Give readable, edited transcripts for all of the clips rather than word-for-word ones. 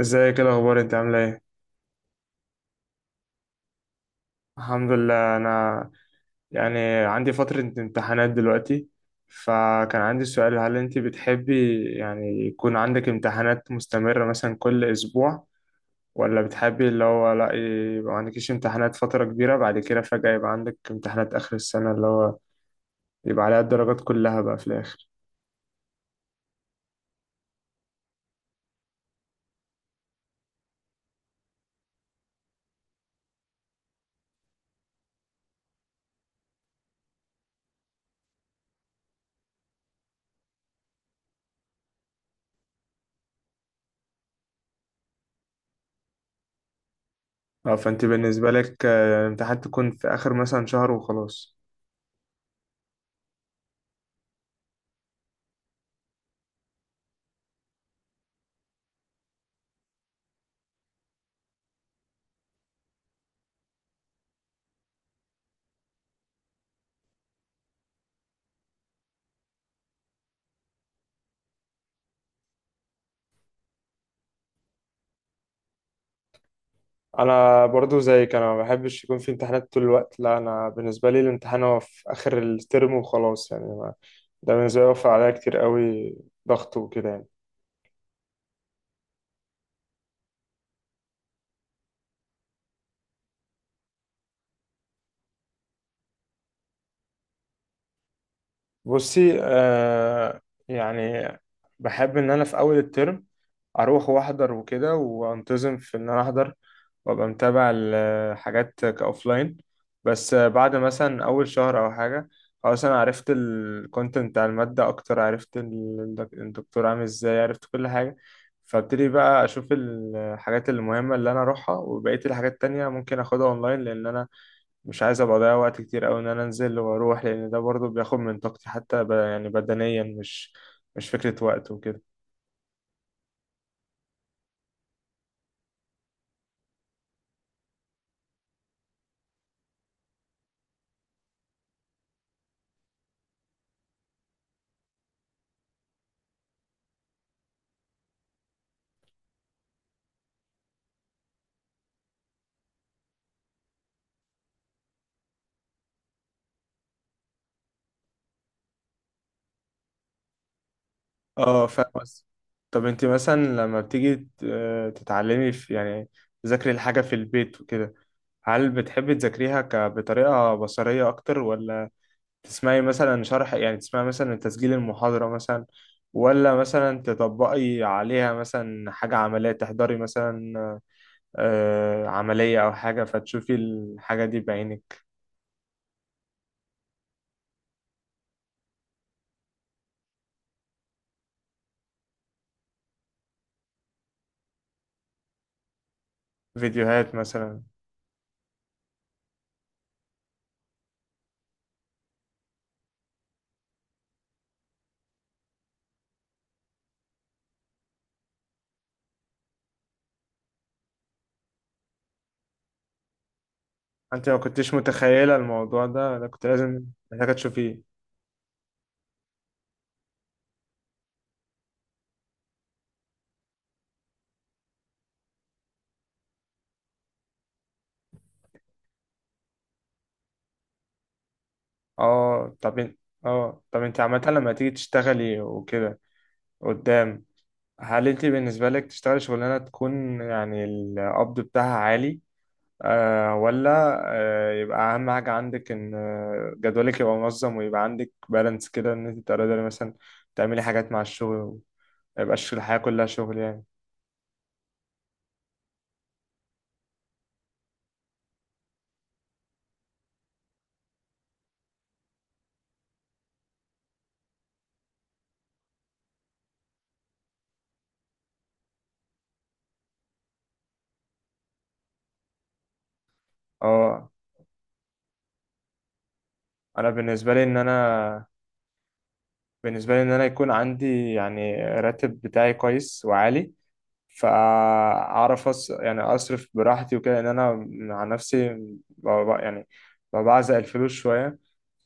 ازيك؟ ايه الاخبار؟ انت عامله ايه؟ الحمد لله. انا يعني عندي فتره امتحانات دلوقتي، فكان عندي سؤال: هل انت بتحبي يكون عندك امتحانات مستمره مثلا كل اسبوع؟ ولا بتحبي اللي هو لا، يبقى ما عندكيش امتحانات فتره كبيره، بعد كده فجاه يبقى عندك امتحانات اخر السنه اللي هو يبقى عليها الدرجات كلها بقى في الاخر؟ اه، فانت بالنسبه لك الامتحانات تكون في اخر مثلا شهر وخلاص. انا برضو زيك، انا ما بحبش يكون في امتحانات طول الوقت، لا انا بالنسبه لي الامتحان هو في اخر الترم وخلاص، يعني ما. ده بالنسبه لي وفر عليا كتير قوي ضغط وكده يعني. بصي آه، يعني بحب ان انا في اول الترم اروح واحضر وكده، وانتظم في ان انا احضر وابقى متابع الحاجات كاوفلاين. بس آه، بعد مثلا اول شهر او حاجه خلاص انا عرفت الكونتنت بتاع الماده اكتر، عرفت الدكتور عامل ازاي، عرفت كل حاجه. فابتدي بقى اشوف الحاجات المهمه اللي انا اروحها، وبقيه الحاجات التانية ممكن اخدها اونلاين، لان انا مش عايز ابقى اضيع وقت كتير قوي ان انا انزل واروح، لان ده برضو بياخد من طاقتي حتى ب... يعني بدنيا، مش فكرة وقت وكده. اه فاهم قصدي. طب انت مثلا لما بتيجي تتعلمي في تذاكري الحاجة في البيت وكده، هل بتحبي تذاكريها بطريقة بصرية اكتر، ولا تسمعي مثلا شرح، تسمعي مثلا تسجيل المحاضرة مثلا، ولا مثلا تطبقي عليها مثلا حاجة عملية، تحضري مثلا عملية أو حاجة فتشوفي الحاجة دي بعينك؟ فيديوهات مثلا. انت لو كنتش متخيله الموضوع ده، لا كنت لازم محتاجه تشوفيه. اه طب انت عامه لما تيجي تشتغلي وكده قدام، هل انت بالنسبه لك تشتغلي شغلانه تكون القبض بتاعها عالي، ولا يبقى اهم حاجه عندك ان جدولك يبقى منظم ويبقى عندك بالانس كده، ان انت تقدري مثلا تعملي حاجات مع الشغل وما يبقاش الحياه كلها شغل يعني؟ اه، انا بالنسبه لي ان انا، بالنسبة لي إن أنا يكون عندي راتب بتاعي كويس وعالي، فأعرف أص... يعني أصرف براحتي وكده، لأن أنا مع نفسي ب... ب- يعني بعزق الفلوس شوية.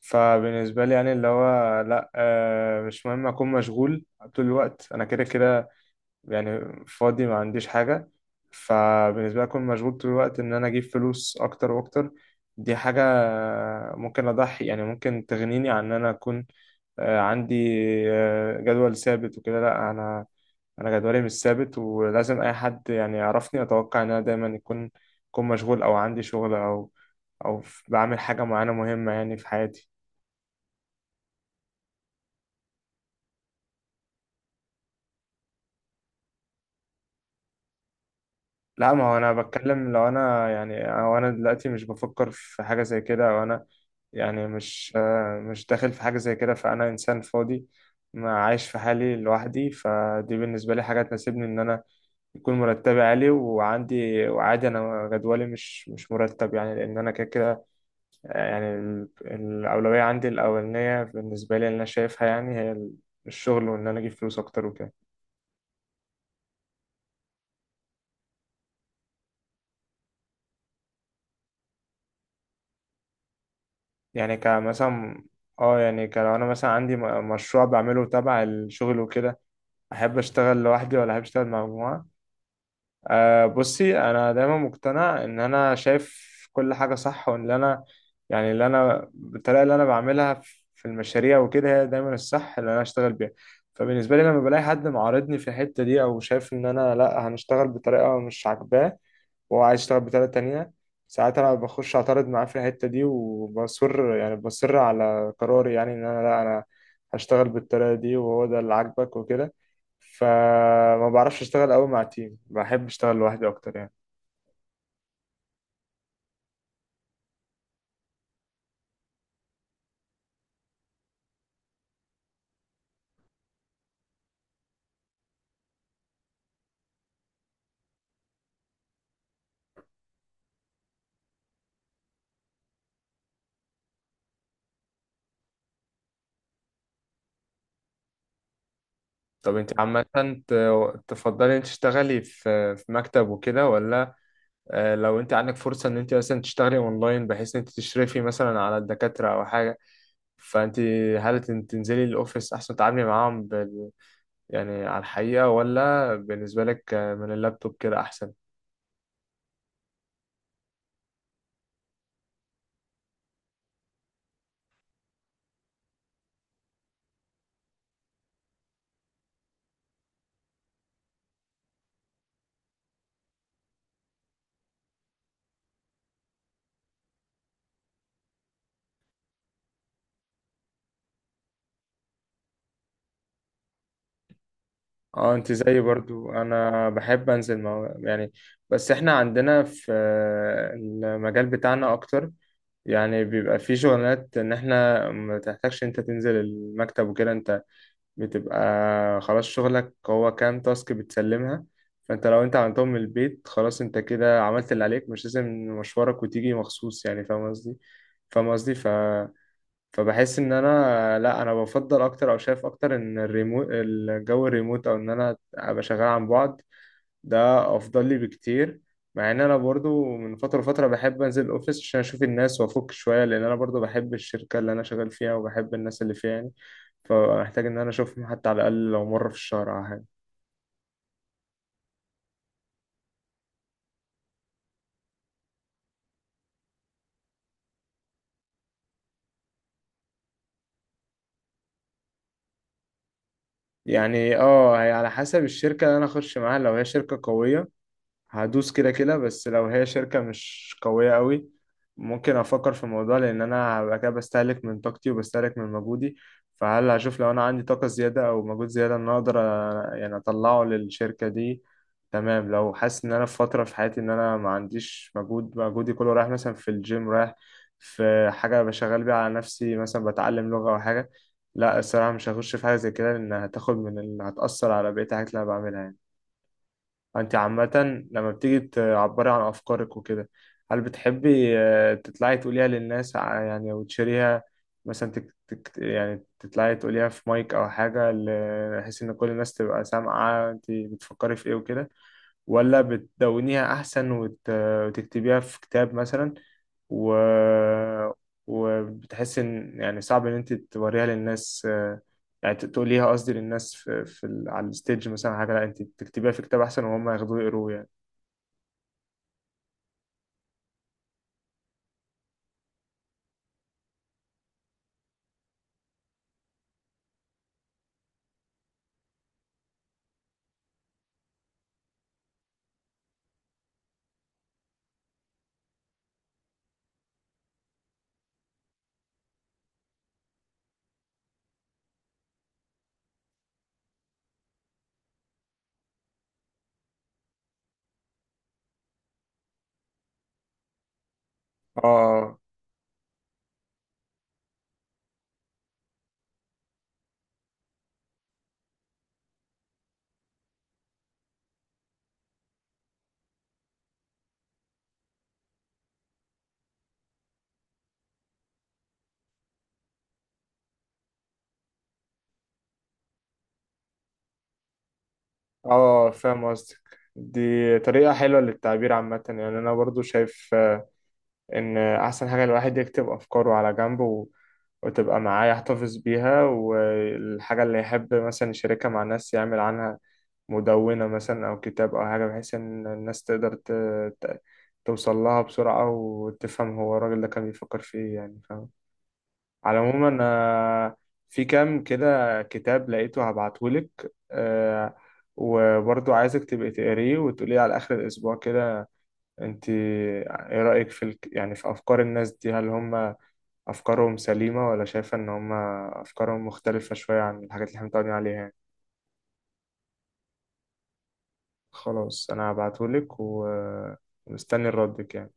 فبالنسبة لي يعني اللي هو لأ آه، مش مهم أكون مشغول طول الوقت، أنا كده كده يعني فاضي ما عنديش حاجة. فبالنسبة لي أكون مشغول طول الوقت إن أنا أجيب فلوس أكتر وأكتر، دي حاجة ممكن أضحي ممكن تغنيني عن إن أنا أكون عندي جدول ثابت وكده. لا انا، انا جدولي مش ثابت، ولازم اي حد يعرفني اتوقع ان انا دايما يكون مشغول او عندي شغل بعمل حاجه معينه مهمه يعني في حياتي. لا، ما هو انا بتكلم لو انا يعني او انا دلوقتي مش بفكر في حاجه زي كده، او انا مش داخل في حاجه زي كده، فانا انسان فاضي ما عايش في حالي لوحدي، فدي بالنسبه لي حاجه تناسبني ان انا يكون مرتبي عالي وعندي، وعادي انا جدولي مش مرتب يعني، لان انا كده كده. آه، الاولويه عندي الاولانيه بالنسبه لي اللي انا شايفها الشغل وان انا اجيب فلوس اكتر وكده. يعني كمثلا اه يعني كلو انا مثلا عندي مشروع بعمله تبع الشغل وكده، احب اشتغل لوحدي ولا احب اشتغل مع مجموعه؟ أه بصي، انا دايما مقتنع ان انا شايف كل حاجه صح، وان اللي انا يعني اللي انا الطريقه اللي انا بعملها في المشاريع وكده هي دايما الصح اللي انا اشتغل بيها. فبالنسبه لي لما بلاقي حد معارضني في الحته دي، او شايف ان انا لا هنشتغل بطريقه مش عاجباه وهو عايز يشتغل بطريقة تانية، ساعات أنا بخش أعترض معاه في الحتة دي، وبصر بصر على قراري، يعني إن أنا لا أنا هشتغل بالطريقة دي وهو ده اللي عاجبك وكده. فما بعرفش أشتغل أوي مع تيم، بحب أشتغل لوحدي أكتر يعني. طب أنت عامة تفضلي أنت تشتغلي في مكتب وكده، ولا آه، لو أنت عندك فرصة إن أنت مثلا تشتغلي أونلاين، بحيث إن أنت تشرفي مثلا على الدكاترة أو حاجة، فأنت هل تنزلي الأوفيس أحسن تتعاملي معاهم يعني على الحقيقة، ولا بالنسبة لك من اللابتوب كده أحسن؟ اه انت زيي برضو، انا بحب انزل مع يعني، بس احنا عندنا في المجال بتاعنا اكتر يعني بيبقى في شغلانات ان احنا ما تحتاجش انت تنزل المكتب وكده، انت بتبقى خلاص شغلك هو كام تاسك بتسلمها، فانت لو انت عملتهم من البيت خلاص انت كده عملت اللي عليك، مش لازم مشوارك وتيجي مخصوص يعني، فاهم قصدي؟ فاهم قصدي، فبحس ان انا لا، انا بفضل اكتر او شايف اكتر ان الريموت او ان انا ابقى شغال عن بعد، ده افضل لي بكتير. مع ان انا برضو من فتره لفتره بحب انزل الاوفيس عشان اشوف الناس وافك شويه، لان انا برضو بحب الشركه اللي انا شغال فيها وبحب الناس اللي فيها يعني، فمحتاج ان انا اشوفهم حتى على الاقل لو مره في الشهر او حاجه. يعني اه، هي على حسب الشركه اللي انا اخش معاها، لو هي شركه قويه هدوس كده كده، بس لو هي شركة مش قوية قوي ممكن أفكر في الموضوع، لأن أنا هبقى كده بستهلك من طاقتي وبستهلك من مجهودي. فهل هشوف لو أنا عندي طاقة زيادة أو مجهود زيادة إن أنا أقدر أطلعه للشركة دي؟ تمام. لو حاسس إن أنا في فترة في حياتي إن أنا ما عنديش مجهود، مجهودي كله رايح مثلا في الجيم، رايح في حاجة بشغل بيها على نفسي، مثلا بتعلم لغة أو حاجة، لا الصراحة مش هخش في حاجة زي كده، لأن هتاخد من هتأثر على بقية الحاجات اللي أنا بعملها يعني. انت عامة لما بتيجي تعبري عن افكارك وكده، هل بتحبي آه، تطلعي تقوليها للناس، او تشيريها مثلا تك تك، يعني تطلعي تقوليها في مايك او حاجة بحيث ان كل الناس تبقى سامعة انت بتفكري في ايه وكده، ولا بتدونيها أحسن وتكتبيها في كتاب مثلا و... وبتحس إن يعني صعب إن أنت توريها للناس، آه، يعني تقوليها قصدي للناس على الستيج مثلا حاجة، لا أنت تكتبيها في كتاب أحسن وهم ياخدوه يقروه يعني؟ اه، اه فاهم قصدك. دي طريقة حلوة للتعبير عامة، يعني أنا برضو شايف ان احسن حاجة الواحد يكتب افكاره على جنب وتبقى معاه يحتفظ بيها، والحاجة اللي يحب مثلا يشاركها مع الناس يعمل عنها مدونة مثلا او كتاب او حاجة، بحيث ان الناس تقدر ت... توصل لها بسرعة وتفهم هو الراجل ده كان بيفكر في ايه، يعني فاهم. على العموم انا في كام كده كتاب لقيته هبعتهولك، أه، وبرضو عايزك تبقي تقريه وتقولي على آخر الأسبوع كده، انت ايه رأيك في الك... يعني في افكار الناس دي؟ هل هم افكارهم سليمة، ولا شايفة ان هم افكارهم مختلفة شوية عن الحاجات اللي احنا متعودين عليها يعني؟ خلاص انا هبعتهولك ومستني ردك يعني.